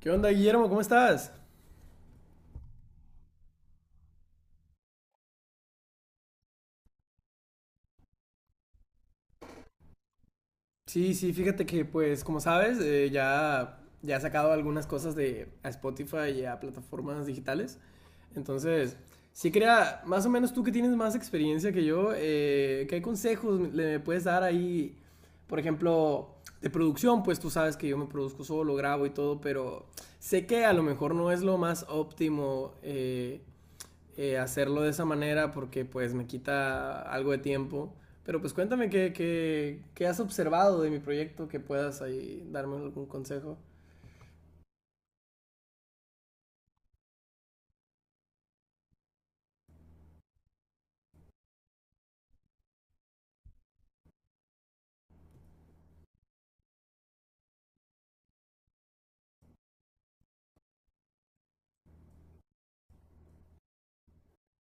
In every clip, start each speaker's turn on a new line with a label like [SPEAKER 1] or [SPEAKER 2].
[SPEAKER 1] ¿Qué onda, Guillermo? ¿Cómo estás? Sí, sí, fíjate que, pues, como sabes, ya he sacado algunas cosas de a Spotify y a plataformas digitales. Entonces, sí quería, más o menos tú que tienes más experiencia que yo, ¿qué consejos le puedes dar ahí? Por ejemplo, de producción, pues tú sabes que yo me produzco solo, grabo y todo, pero sé que a lo mejor no es lo más óptimo. Hacerlo de esa manera porque pues me quita algo de tiempo. Pero pues cuéntame qué has observado de mi proyecto, que puedas ahí darme algún consejo.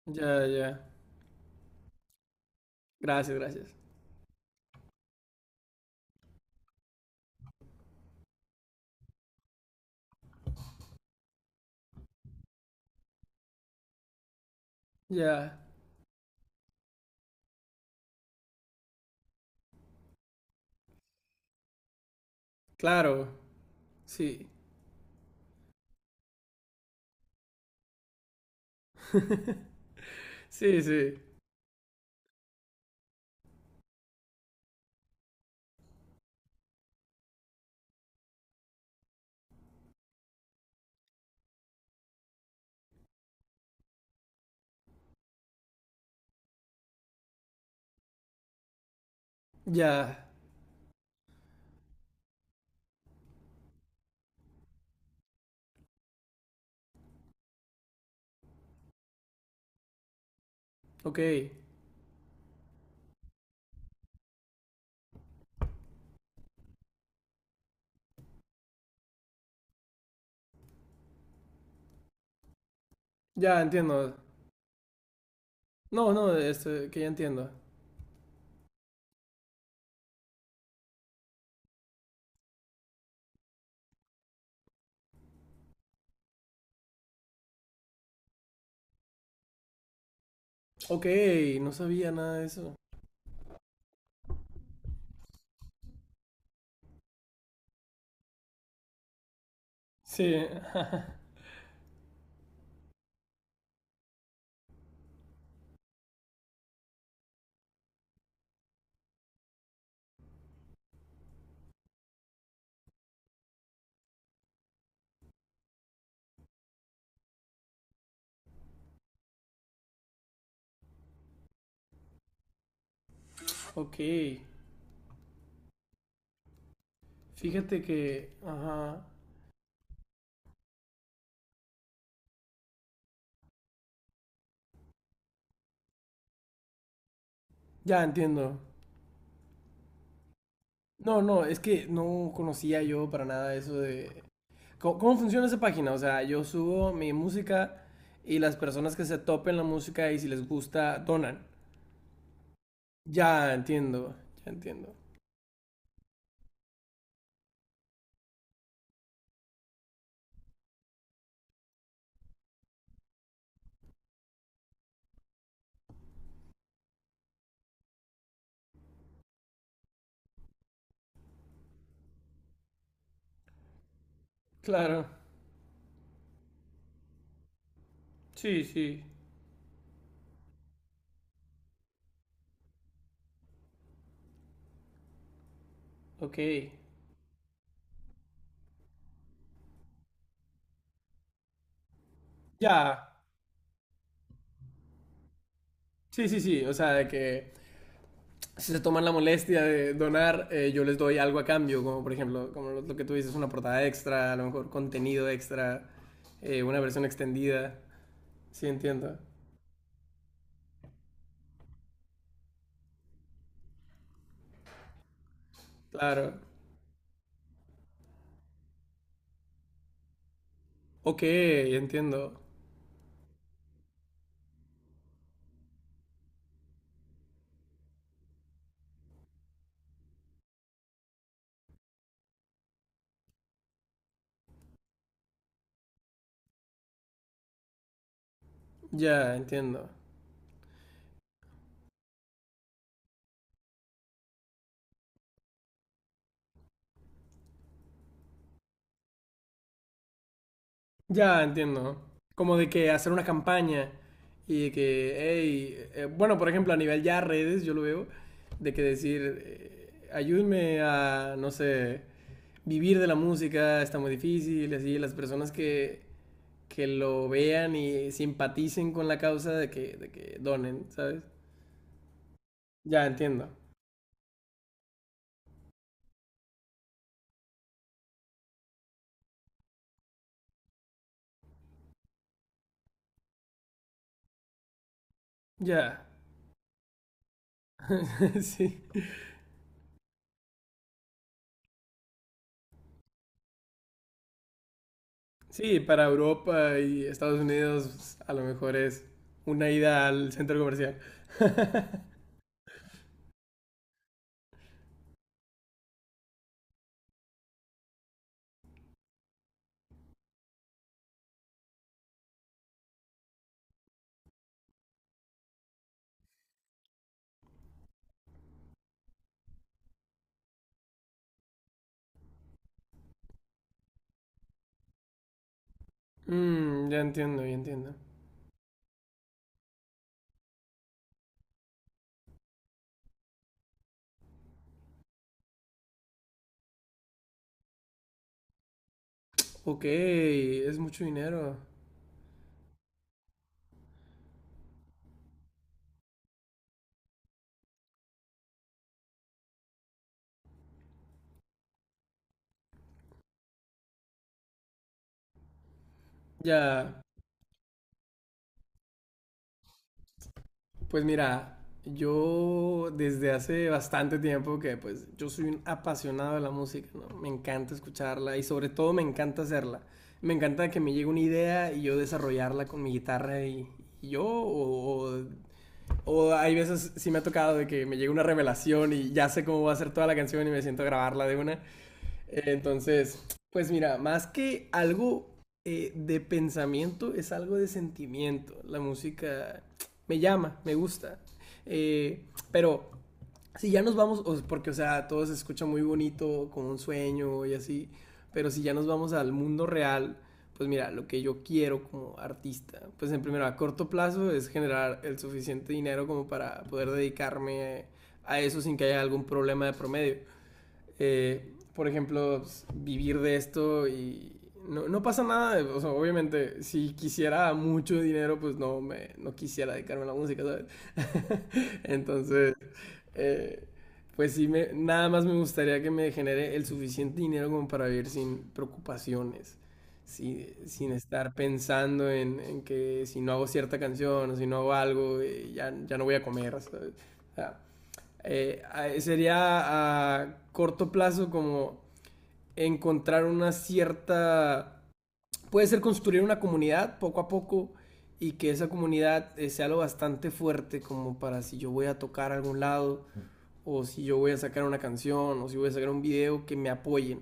[SPEAKER 1] Ya, ya. Gracias, gracias. Ya. Claro. Sí. Sí, sí. Ya. Ok. Ya entiendo. No, no, que ya entiendo. Ok, no sabía nada de eso. Sí. Ok. Fíjate que... Ajá. Ya entiendo. No, no, es que no conocía yo para nada eso de... ¿Cómo, cómo funciona esa página? O sea, yo subo mi música y las personas que se topen la música y si les gusta, donan. Ya entiendo, ya entiendo. Claro, sí, sí, ok. Ya, sí, sí, sí, o sea, de que si se toman la molestia de donar, yo les doy algo a cambio, como por ejemplo, como lo que tú dices, una portada extra, a lo mejor contenido extra, una versión extendida. Sí, entiendo, claro. Ok, entiendo. Ya, entiendo. Ya, entiendo. Como de que hacer una campaña y de que, hey, bueno, por ejemplo, a nivel ya redes, yo lo veo, de que decir, ayúdenme a, no sé, vivir de la música, está muy difícil, así, las personas que lo vean y simpaticen con la causa de que donen, ¿sabes? Ya, entiendo. Ya. Sí. Sí, para Europa y Estados Unidos a lo mejor es una ida al centro comercial. Mm, ya entiendo, ya entiendo. Ok, es mucho dinero. Ya, pues mira, yo desde hace bastante tiempo que pues yo soy un apasionado de la música, ¿no? Me encanta escucharla y sobre todo me encanta hacerla. Me encanta que me llegue una idea y yo desarrollarla con mi guitarra y, o, o hay veces sí me ha tocado de que me llega una revelación y ya sé cómo va a ser toda la canción y me siento a grabarla de una. Entonces, pues mira, más que algo de pensamiento, es algo de sentimiento. La música me llama, me gusta. Pero si ya nos vamos, porque o sea, todo se escucha muy bonito, como un sueño y así, pero si ya nos vamos al mundo real, pues mira, lo que yo quiero como artista, pues en primero a corto plazo es generar el suficiente dinero como para poder dedicarme a eso sin que haya algún problema de promedio por ejemplo, vivir de esto y no, no pasa nada. O sea, obviamente, si quisiera mucho dinero, pues no, no quisiera dedicarme a la música, ¿sabes? Entonces, eh, pues sí, nada más me gustaría que me genere el suficiente dinero como para vivir sin preocupaciones. Sí, sin estar pensando en que si no hago cierta canción o si no hago algo, ya no voy a comer, ¿sabes? O sea, eh, sería a corto plazo como encontrar una cierta... Puede ser construir una comunidad poco a poco y que esa comunidad sea lo bastante fuerte como para si yo voy a tocar a algún lado o si yo voy a sacar una canción o si voy a sacar un video que me apoyen.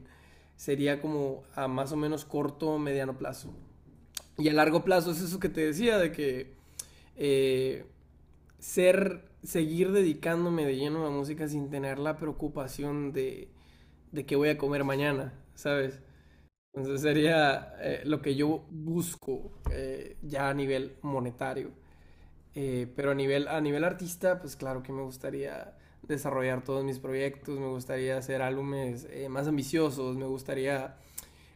[SPEAKER 1] Sería como a más o menos corto o mediano plazo. Y a largo plazo es eso que te decía de que eh, seguir dedicándome de lleno a la música sin tener la preocupación de qué voy a comer mañana, ¿sabes? Entonces sería lo que yo busco ya a nivel monetario. Pero a nivel artista, pues claro que me gustaría desarrollar todos mis proyectos, me gustaría hacer álbumes más ambiciosos, me gustaría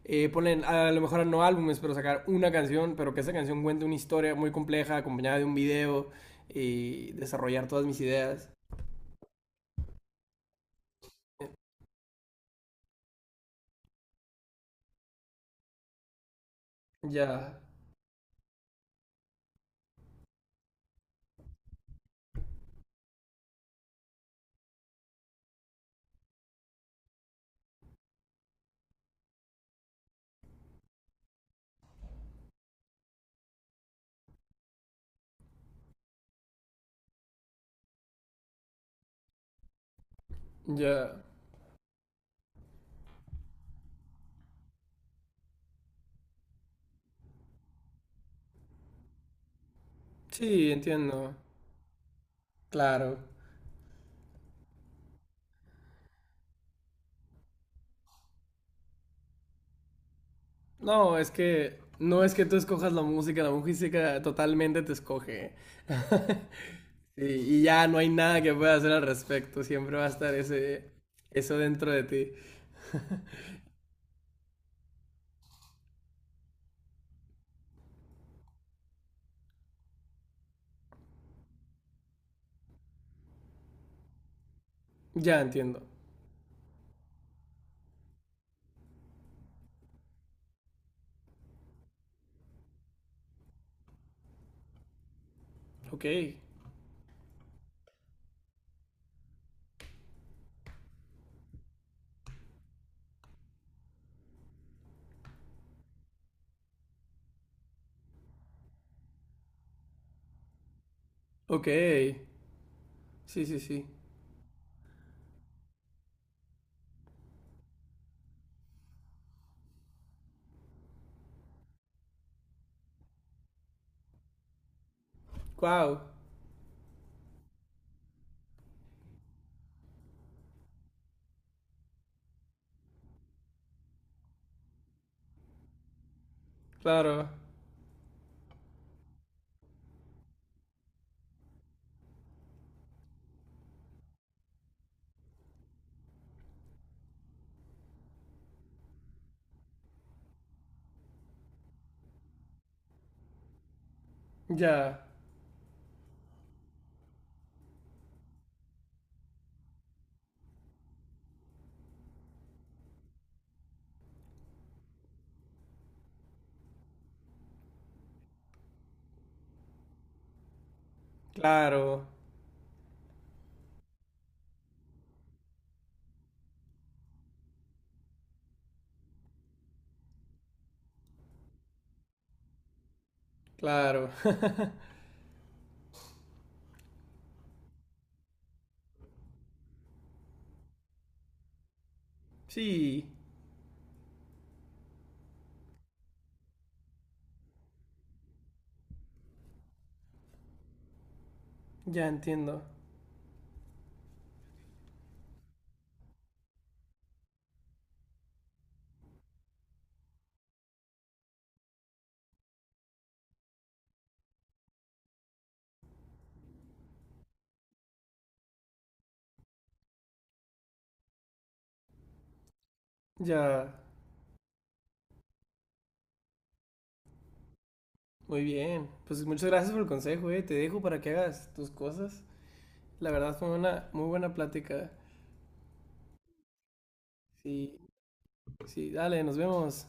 [SPEAKER 1] ponen a lo mejor no álbumes, pero sacar una canción, pero que esa canción cuente una historia muy compleja acompañada de un video y desarrollar todas mis ideas. Ya, ya. Sí, entiendo. Claro. No, es que no es que tú escojas la música totalmente te escoge. Sí, y ya no hay nada que pueda hacer al respecto, siempre va a estar ese, eso dentro de ti. Ya entiendo. Ok, ok. Sí, sí, sí. Wow. Claro, ya, claro, claro. Sí, ya entiendo. Ya, muy bien. Pues muchas gracias por el consejo, eh. Te dejo para que hagas tus cosas. La verdad fue una muy buena plática. Sí, sí, dale, nos vemos.